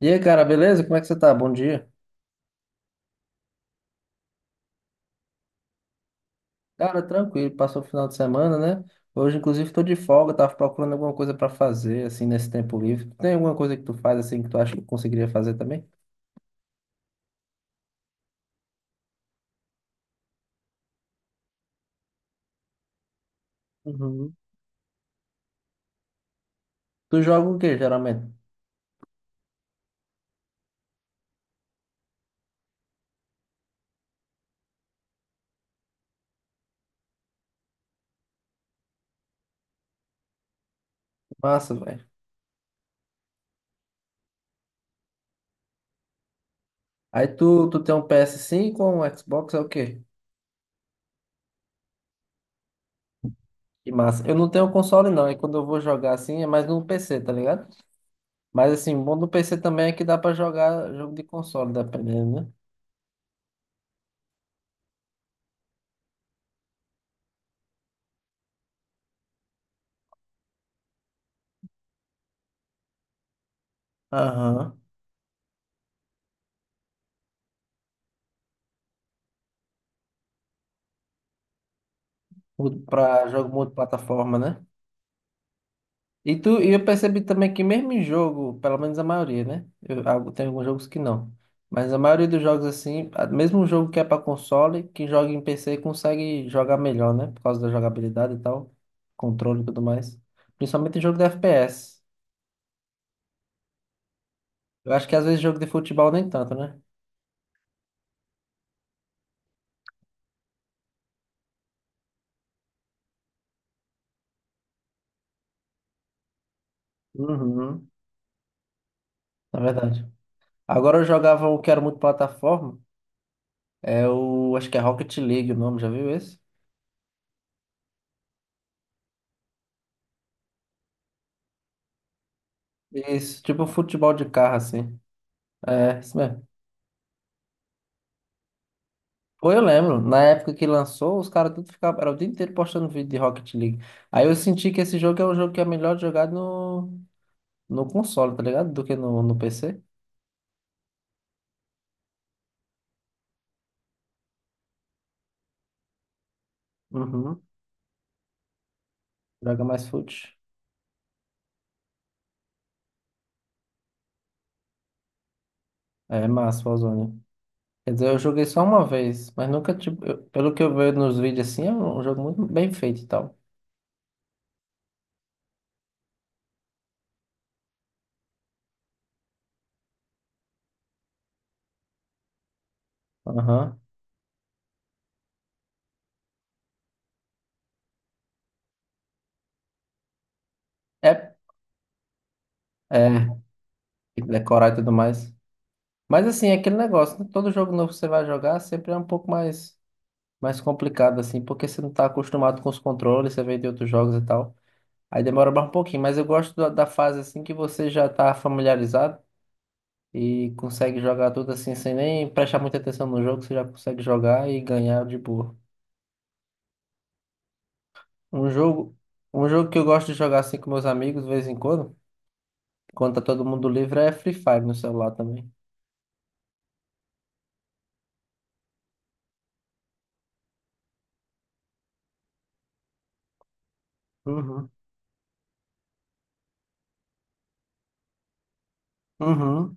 E aí, cara, beleza? Como é que você tá? Bom dia. Cara, tranquilo, passou o final de semana, né? Hoje, inclusive, tô de folga, tava procurando alguma coisa pra fazer, assim, nesse tempo livre. Tem alguma coisa que tu faz, assim, que tu acha que eu conseguiria fazer também? Uhum. Tu joga o quê, geralmente? Massa, velho. Aí tu tem um ps cinco ou um Xbox, é o quê? Que massa. Eu não tenho console, não. E quando eu vou jogar, assim, é mais no PC, tá ligado? Mas, assim, o bom do PC também é que dá pra jogar jogo de console, dependendo, né? Aham. Uhum. Pra jogo multiplataforma, né? E eu percebi também que mesmo em jogo, pelo menos a maioria, né? Tem alguns jogos que não. Mas a maioria dos jogos, assim, mesmo um jogo que é para console, quem joga em PC consegue jogar melhor, né? Por causa da jogabilidade e tal, controle e tudo mais. Principalmente em jogo de FPS. Eu acho que às vezes jogo de futebol nem tanto, né? Uhum, na verdade. Agora eu jogava o que era muito plataforma, é o, acho que é Rocket League o nome, já viu esse? Isso, tipo um futebol de carro, assim. É, isso mesmo. Pô, eu lembro, na época que lançou, os caras tudo ficavam, era o dia inteiro postando vídeo de Rocket League. Aí eu senti que esse jogo é um jogo que é melhor de jogar no console, tá ligado? Do que no PC. Uhum. Joga mais fute. É massa, Warzone. Quer dizer, eu joguei só uma vez, mas nunca, tipo, pelo que eu vejo nos vídeos assim, é um jogo muito bem feito e tal. Aham. É, é, decorar e tudo mais. Mas assim, é aquele negócio, né? Todo jogo novo que você vai jogar sempre é um pouco mais. Mais complicado, assim, porque você não tá acostumado com os controles, você vem de outros jogos e tal. Aí demora mais um pouquinho, mas eu gosto da fase, assim, que você já tá familiarizado e consegue jogar tudo assim, sem nem prestar muita atenção no jogo, você já consegue jogar e ganhar de boa. Um jogo, um jogo que eu gosto de jogar, assim, com meus amigos, de vez em quando, quando tá todo mundo livre, é Free Fire no celular também. Uhum. Uhum.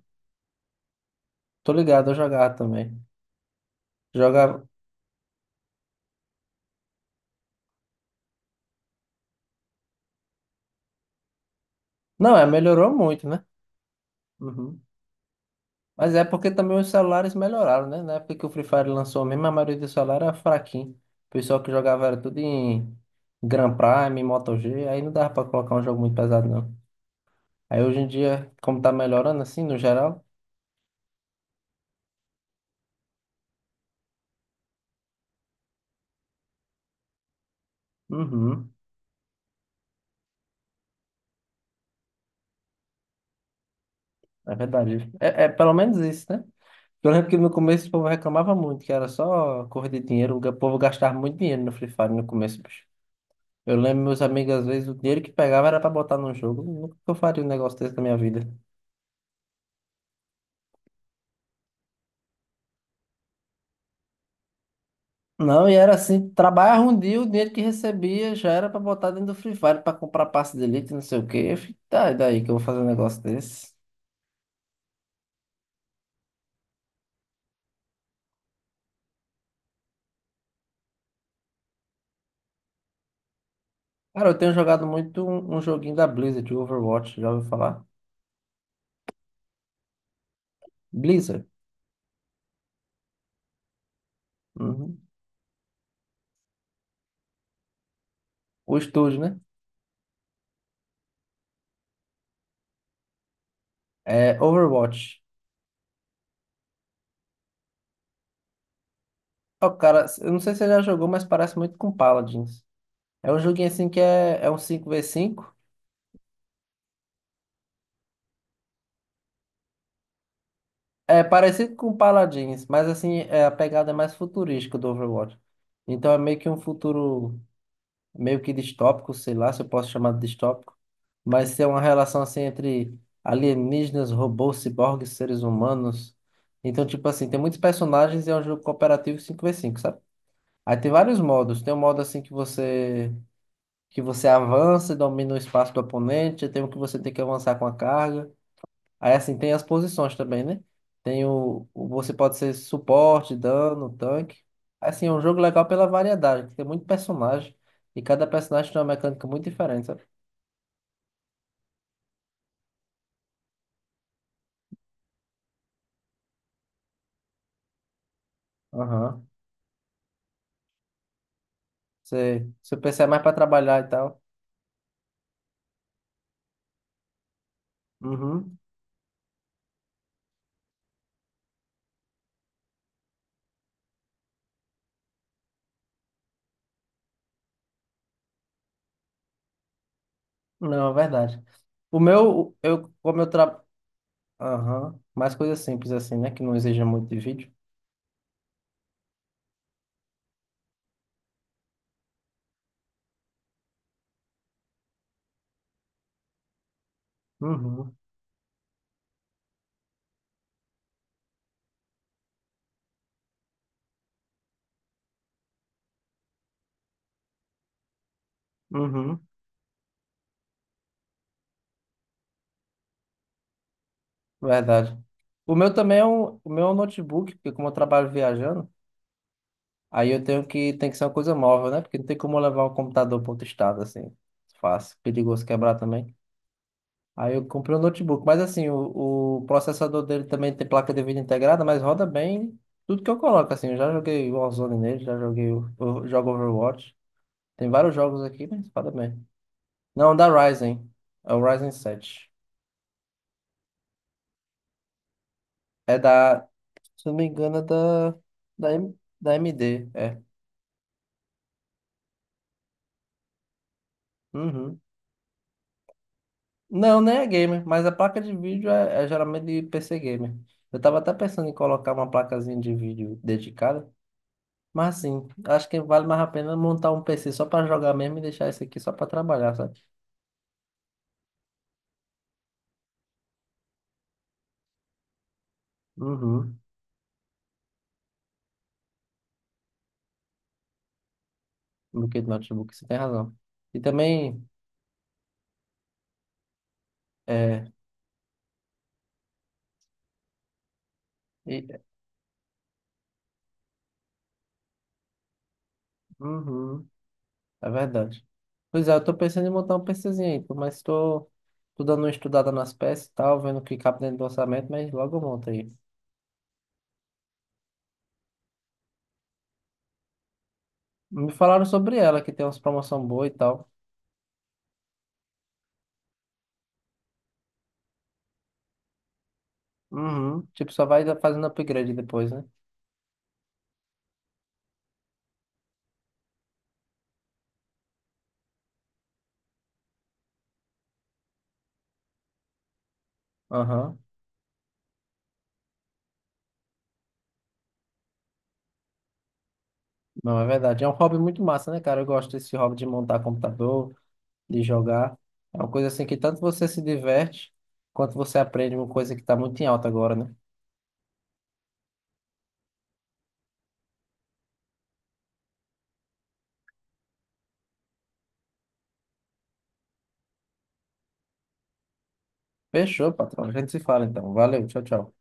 Tô ligado, eu jogava também. Jogava. Não, é, melhorou muito, né? Uhum. Mas é porque também os celulares melhoraram, né? Na época que o Free Fire lançou mesmo, a maioria do celular era fraquinho. O pessoal que jogava era tudo em Grand Prime, Moto G, aí não dava pra colocar um jogo muito pesado, não. Aí hoje em dia, como tá melhorando assim, no geral, uhum, é verdade. É, é pelo menos isso, né? Eu lembro que no começo o povo reclamava muito, que era só corrida de dinheiro, o povo gastava muito dinheiro no Free Fire no começo, bicho. Eu lembro meus amigos, às vezes, o dinheiro que pegava era pra botar num jogo. Nunca que eu faria um negócio desse na minha vida. Não, e era assim, trabalhava um dia, o dinheiro que recebia já era pra botar dentro do Free Fire, pra comprar passe de elite, não sei o quê. Eu fiquei, tá, e daí que eu vou fazer um negócio desse? Cara, eu tenho jogado muito um joguinho da Blizzard, o Overwatch, já ouviu falar? Blizzard, uhum. O estúdio, né? É Overwatch. Ó, cara, eu não sei se você já jogou, mas parece muito com Paladins. É um joguinho assim que é um cinco v cinco. É parecido com Paladins, mas assim, é, a pegada é mais futurística do Overwatch. Então é meio que um futuro meio que distópico, sei lá se eu posso chamar de distópico, mas é uma relação assim entre alienígenas, robôs, ciborgues, seres humanos. Então, tipo assim, tem muitos personagens e é um jogo cooperativo cinco v cinco, sabe? Aí tem vários modos. Tem um modo assim que você avança e domina o espaço do oponente, tem um que você tem que avançar com a carga. Aí assim, tem as posições também, né? Tem você pode ser suporte, dano, tanque. Assim, é um jogo legal pela variedade, que tem muito personagem e cada personagem tem uma mecânica muito diferente, sabe? Aham. Você, seu PC é mais para trabalhar e tal. Uhum. Não, é verdade. O meu, eu, como eu trabalho. Aham. Mais coisa simples assim, né? Que não exija muito de vídeo. Uhum. Uhum. Verdade. O meu também é um, o meu é um notebook, porque como eu trabalho viajando, aí eu tenho que, tem que ser uma coisa móvel, né? Porque não tem como eu levar o computador para outro estado, assim. Fácil, perigoso quebrar também. Aí eu comprei um notebook, mas assim, o processador dele também tem placa de vídeo integrada, mas roda bem tudo que eu coloco, assim. Eu já joguei Warzone nele, já joguei, eu jogo Overwatch. Tem vários jogos aqui, mas roda bem. Não, da Ryzen. É o Ryzen 7. É se eu não me engano, é da, M- da AMD, é. Uhum. Não, nem é gamer, mas a placa de vídeo é geralmente de PC gamer. Eu tava até pensando em colocar uma placazinha de vídeo dedicada, mas assim, acho que vale mais a pena montar um PC só para jogar mesmo e deixar esse aqui só para trabalhar, sabe? Uhum, do que de notebook, você tem razão. E também, é, e- uhum, é verdade. Pois é, eu tô pensando em montar um PCzinho aí, pô, mas tô, tô dando uma estudada nas peças e tal, vendo o que cabe dentro do orçamento, mas logo eu monto aí. Me falaram sobre ela, que tem umas promoções boas e tal. Uhum. Tipo, só vai fazendo upgrade depois, né? Aham. Não, é verdade. É um hobby muito massa, né, cara? Eu gosto desse hobby de montar computador, de jogar. É uma coisa assim que tanto você se diverte, quanto você aprende uma coisa que tá muito em alta agora, né? Fechou, patrão. A gente se fala então. Valeu, tchau, tchau.